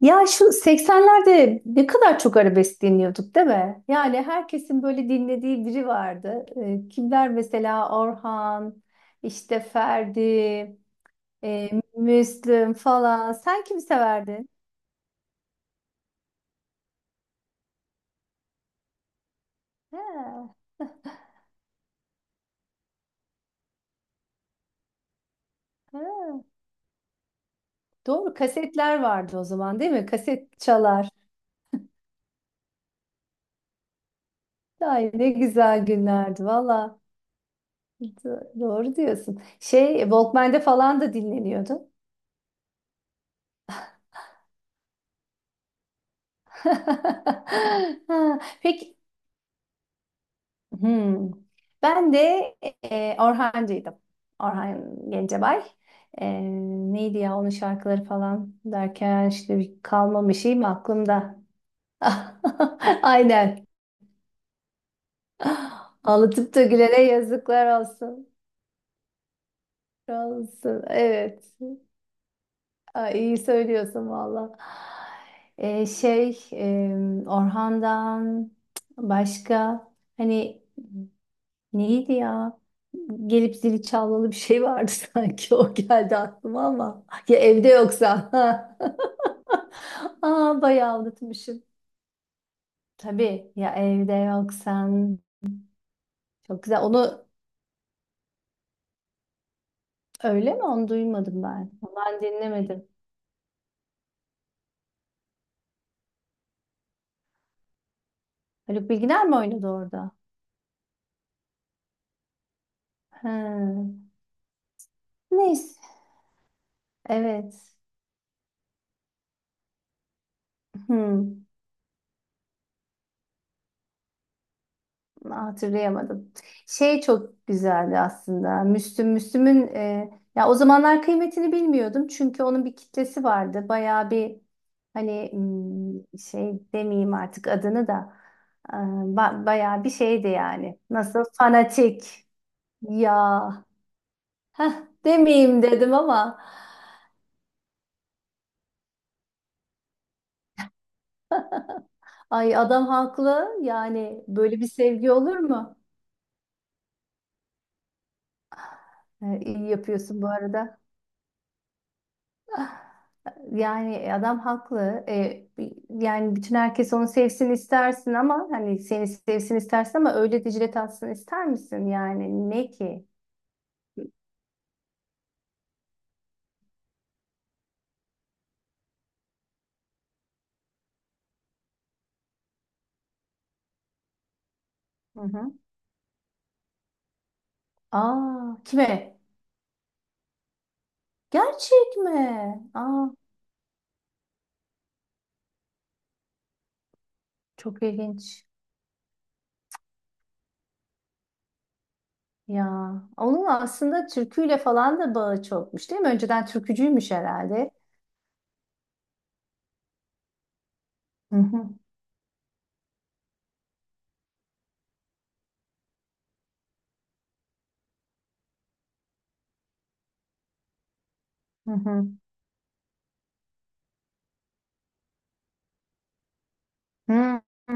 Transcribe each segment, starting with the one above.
Ya şu 80'lerde ne kadar çok arabesk dinliyorduk, değil mi? Yani herkesin böyle dinlediği biri vardı. Kimler mesela? Orhan, işte Ferdi, e, Müslüm falan. Sen kimi severdin? He, he. Doğru kasetler vardı o zaman, değil mi? Kaset çalar. Ay ne güzel günlerdi valla. Doğru diyorsun. Şey Walkman'de falan da dinleniyordu. Ha, peki. Hmm. Ben de Orhancıydım. Orhan Gencebay. E, neydi ya onun şarkıları falan derken işte bir kalmamış şeyim aklımda. Aynen. Ağlatıp da gülene yazıklar olsun. Olsun. Evet. Ay, iyi söylüyorsun valla. Şey Orhan'dan başka hani neydi ya? Gelip zili çalmalı bir şey vardı sanki. O geldi aklıma ama. Ya evde yoksa. Aa, bayağı unutmuşum. Tabii ya evde yoksan. Çok güzel. Onu öyle mi? Onu duymadım ben. Ben dinlemedim. Haluk Bilginer mi oynadı orada? He. Neyse. Evet. Hmm. Hatırlayamadım. Şey çok güzeldi aslında. Müslüm, Müslüm'ün ya o zamanlar kıymetini bilmiyordum çünkü onun bir kitlesi vardı. Bayağı bir hani şey demeyeyim artık adını da, bayağı bir şeydi yani. Nasıl fanatik ya. Demeyeyim dedim ama ay adam haklı, yani böyle bir sevgi olur mu? E, iyi yapıyorsun bu arada. Yani adam haklı. Yani bütün herkes onu sevsin istersin ama hani seni sevsin istersin, ama öyle Dicle tatsın ister misin? Yani ne ki? Hı hı. Aa, kime? Gerçek mi? Aa, çok ilginç. Ya onun aslında türküyle falan da bağı çokmuş, değil mi? Önceden türkücüymüş herhalde. Hı hı, hı hı. Hı, hı.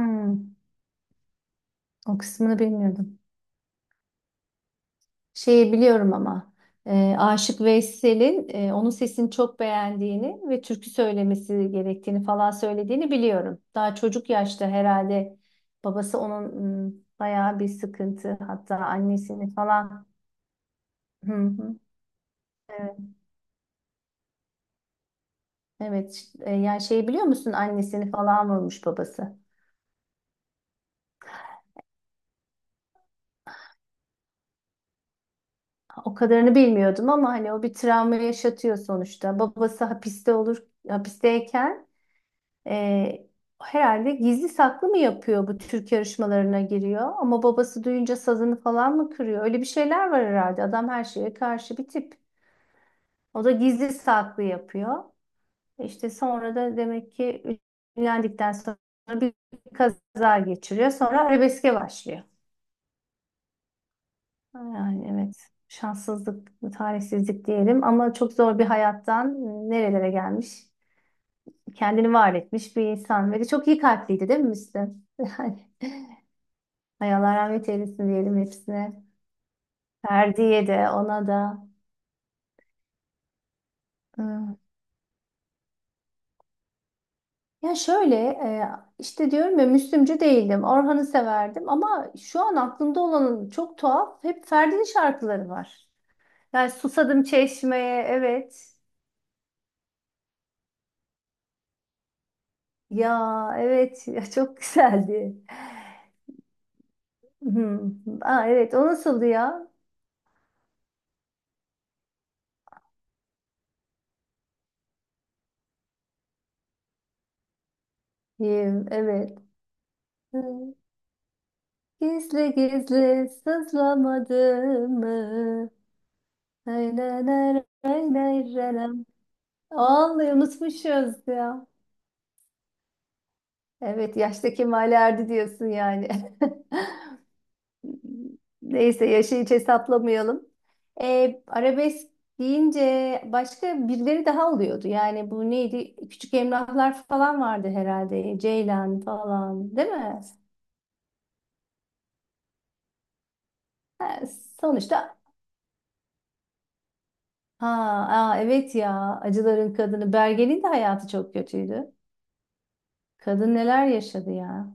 O kısmını bilmiyordum. Şeyi biliyorum ama Aşık Veysel'in onun sesini çok beğendiğini ve türkü söylemesi gerektiğini falan söylediğini biliyorum. Daha çocuk yaşta herhalde babası onun bayağı bir sıkıntı, hatta annesini falan. Hı hı. Evet, evet. Yani şey biliyor musun, annesini falan vurmuş babası. O kadarını bilmiyordum ama hani o bir travma yaşatıyor sonuçta. Babası hapiste olur, hapisteyken e, herhalde gizli saklı mı yapıyor, bu Türk yarışmalarına giriyor. Ama babası duyunca sazını falan mı kırıyor? Öyle bir şeyler var herhalde. Adam her şeye karşı bir tip. O da gizli saklı yapıyor. İşte sonra da demek ki ünlendikten sonra bir kaza geçiriyor. Sonra arabeske başlıyor. Yani evet, şanssızlık, talihsizlik diyelim ama çok zor bir hayattan nerelere gelmiş, kendini var etmiş bir insan. Ve de çok iyi kalpliydi değil mi Müslüm? Yani ay Allah rahmet eylesin diyelim hepsine. Ferdi'ye de ona da. Hmm. Ya şöyle, işte diyorum ya, Müslümcü değildim. Orhan'ı severdim ama şu an aklımda olan çok tuhaf, hep Ferdi'nin şarkıları var. Yani Susadım Çeşme'ye, evet. Ya evet ya çok güzeldi. Hı. Aa, evet o nasıldı ya? Yim, evet. Hı. Gizli gizli sızlamadım mı? Nay, nay, nay, nay, nay, nay. Vallahi unutmuşuz ya. Evet yaşta kemale erdi diyorsun yani. Neyse yaşı hiç hesaplamayalım. Arabesk deyince başka birileri daha oluyordu. Yani bu neydi? Küçük Emrahlar falan vardı herhalde. Ceylan falan, değil mi? E, Sonuçta ha, aa, evet ya Acıların Kadını Bergen'in de hayatı çok kötüydü. Kadın neler yaşadı ya.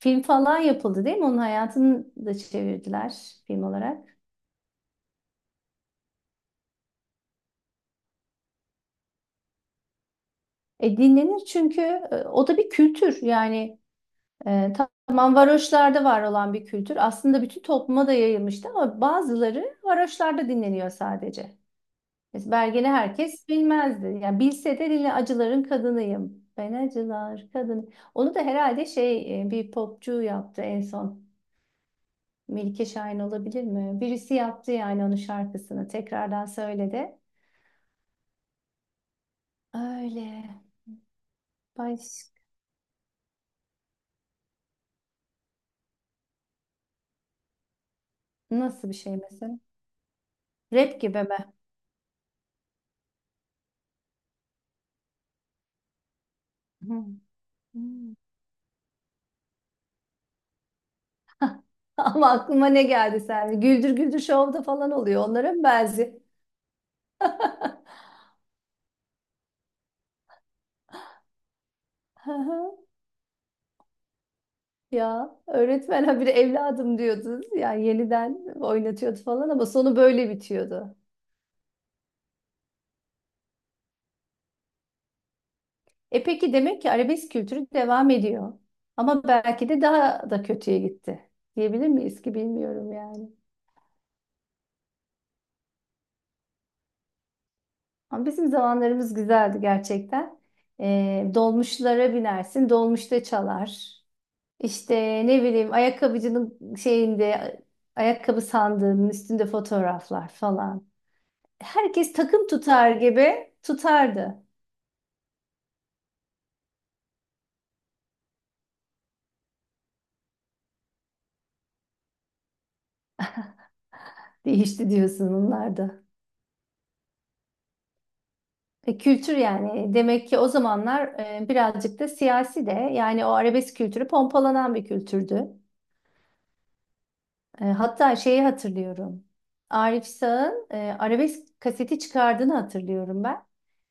Film falan yapıldı, değil mi? Onun hayatını da çevirdiler film olarak. Dinlenir çünkü o da bir kültür yani, tamam, varoşlarda var olan bir kültür. Aslında bütün topluma da yayılmıştı ama bazıları varoşlarda dinleniyor sadece. Biz Belgeni herkes bilmezdi. Yani bilse de dili acıların kadınıyım. Ben acılar kadın. Onu da herhalde şey, bir popçu yaptı en son. Melike Şahin olabilir mi? Birisi yaptı yani onun şarkısını. Tekrardan söyledi. Öyle. Baş... Nasıl bir şey mesela? Rap gibi mi? Hı. Hı. Hah. Ama aklıma ne geldi sen? Güldür Güldür Show'da falan oluyor. Onlara mı benziyor? Ya öğretmen habire evladım diyordu. Yani yeniden oynatıyordu falan ama sonu böyle bitiyordu. E peki, demek ki arabesk kültürü devam ediyor. Ama belki de daha da kötüye gitti. Diyebilir miyiz ki, bilmiyorum yani. Ama bizim zamanlarımız güzeldi gerçekten. Dolmuşlara binersin, dolmuşta çalar. İşte ne bileyim ayakkabıcının şeyinde ayakkabı sandığının üstünde fotoğraflar falan. Herkes takım tutar gibi tutardı. Değişti diyorsun onlar da. Kültür yani, demek ki o zamanlar birazcık da siyasi de, yani o arabesk kültürü pompalanan bir kültürdü. Hatta şeyi hatırlıyorum. Arif Sağ'ın arabesk kaseti çıkardığını hatırlıyorum ben.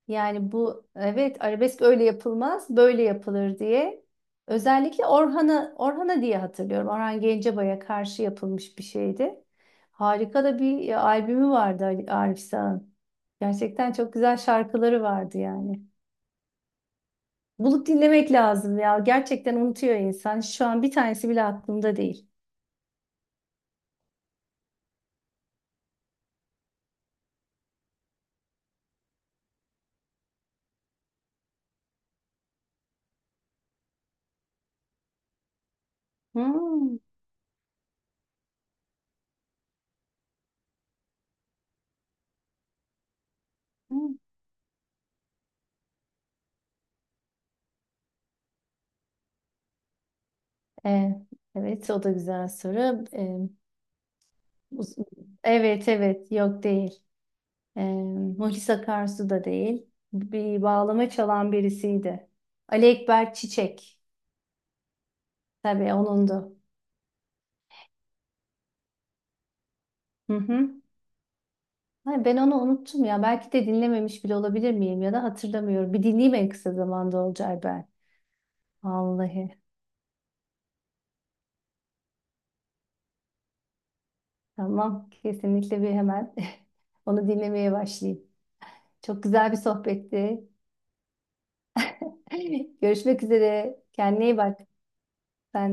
Yani bu, evet, arabesk öyle yapılmaz, böyle yapılır diye. Özellikle Orhan'a, Orhan'a diye hatırlıyorum. Orhan Gencebay'a karşı yapılmış bir şeydi. Harika da bir albümü vardı Arif Sağ'ın. Gerçekten çok güzel şarkıları vardı yani. Bulup dinlemek lazım ya. Gerçekten unutuyor insan. Şu an bir tanesi bile aklımda değil. Hmm. Hmm. E, evet o da güzel soru. Uz- evet evet yok değil. Ee, Muhlis Akarsu da değil. Bir bağlama çalan birisiydi. Ali Ekber Çiçek. Tabii onundu. Hı hı. Ay, ben onu unuttum ya. Belki de dinlememiş bile olabilir miyim ya da hatırlamıyorum. Bir dinleyeyim en kısa zamanda Olcay ben. Vallahi. Tamam. Kesinlikle bir hemen onu dinlemeye başlayayım. Çok güzel bir sohbetti. Görüşmek üzere. Kendine iyi bak. Sen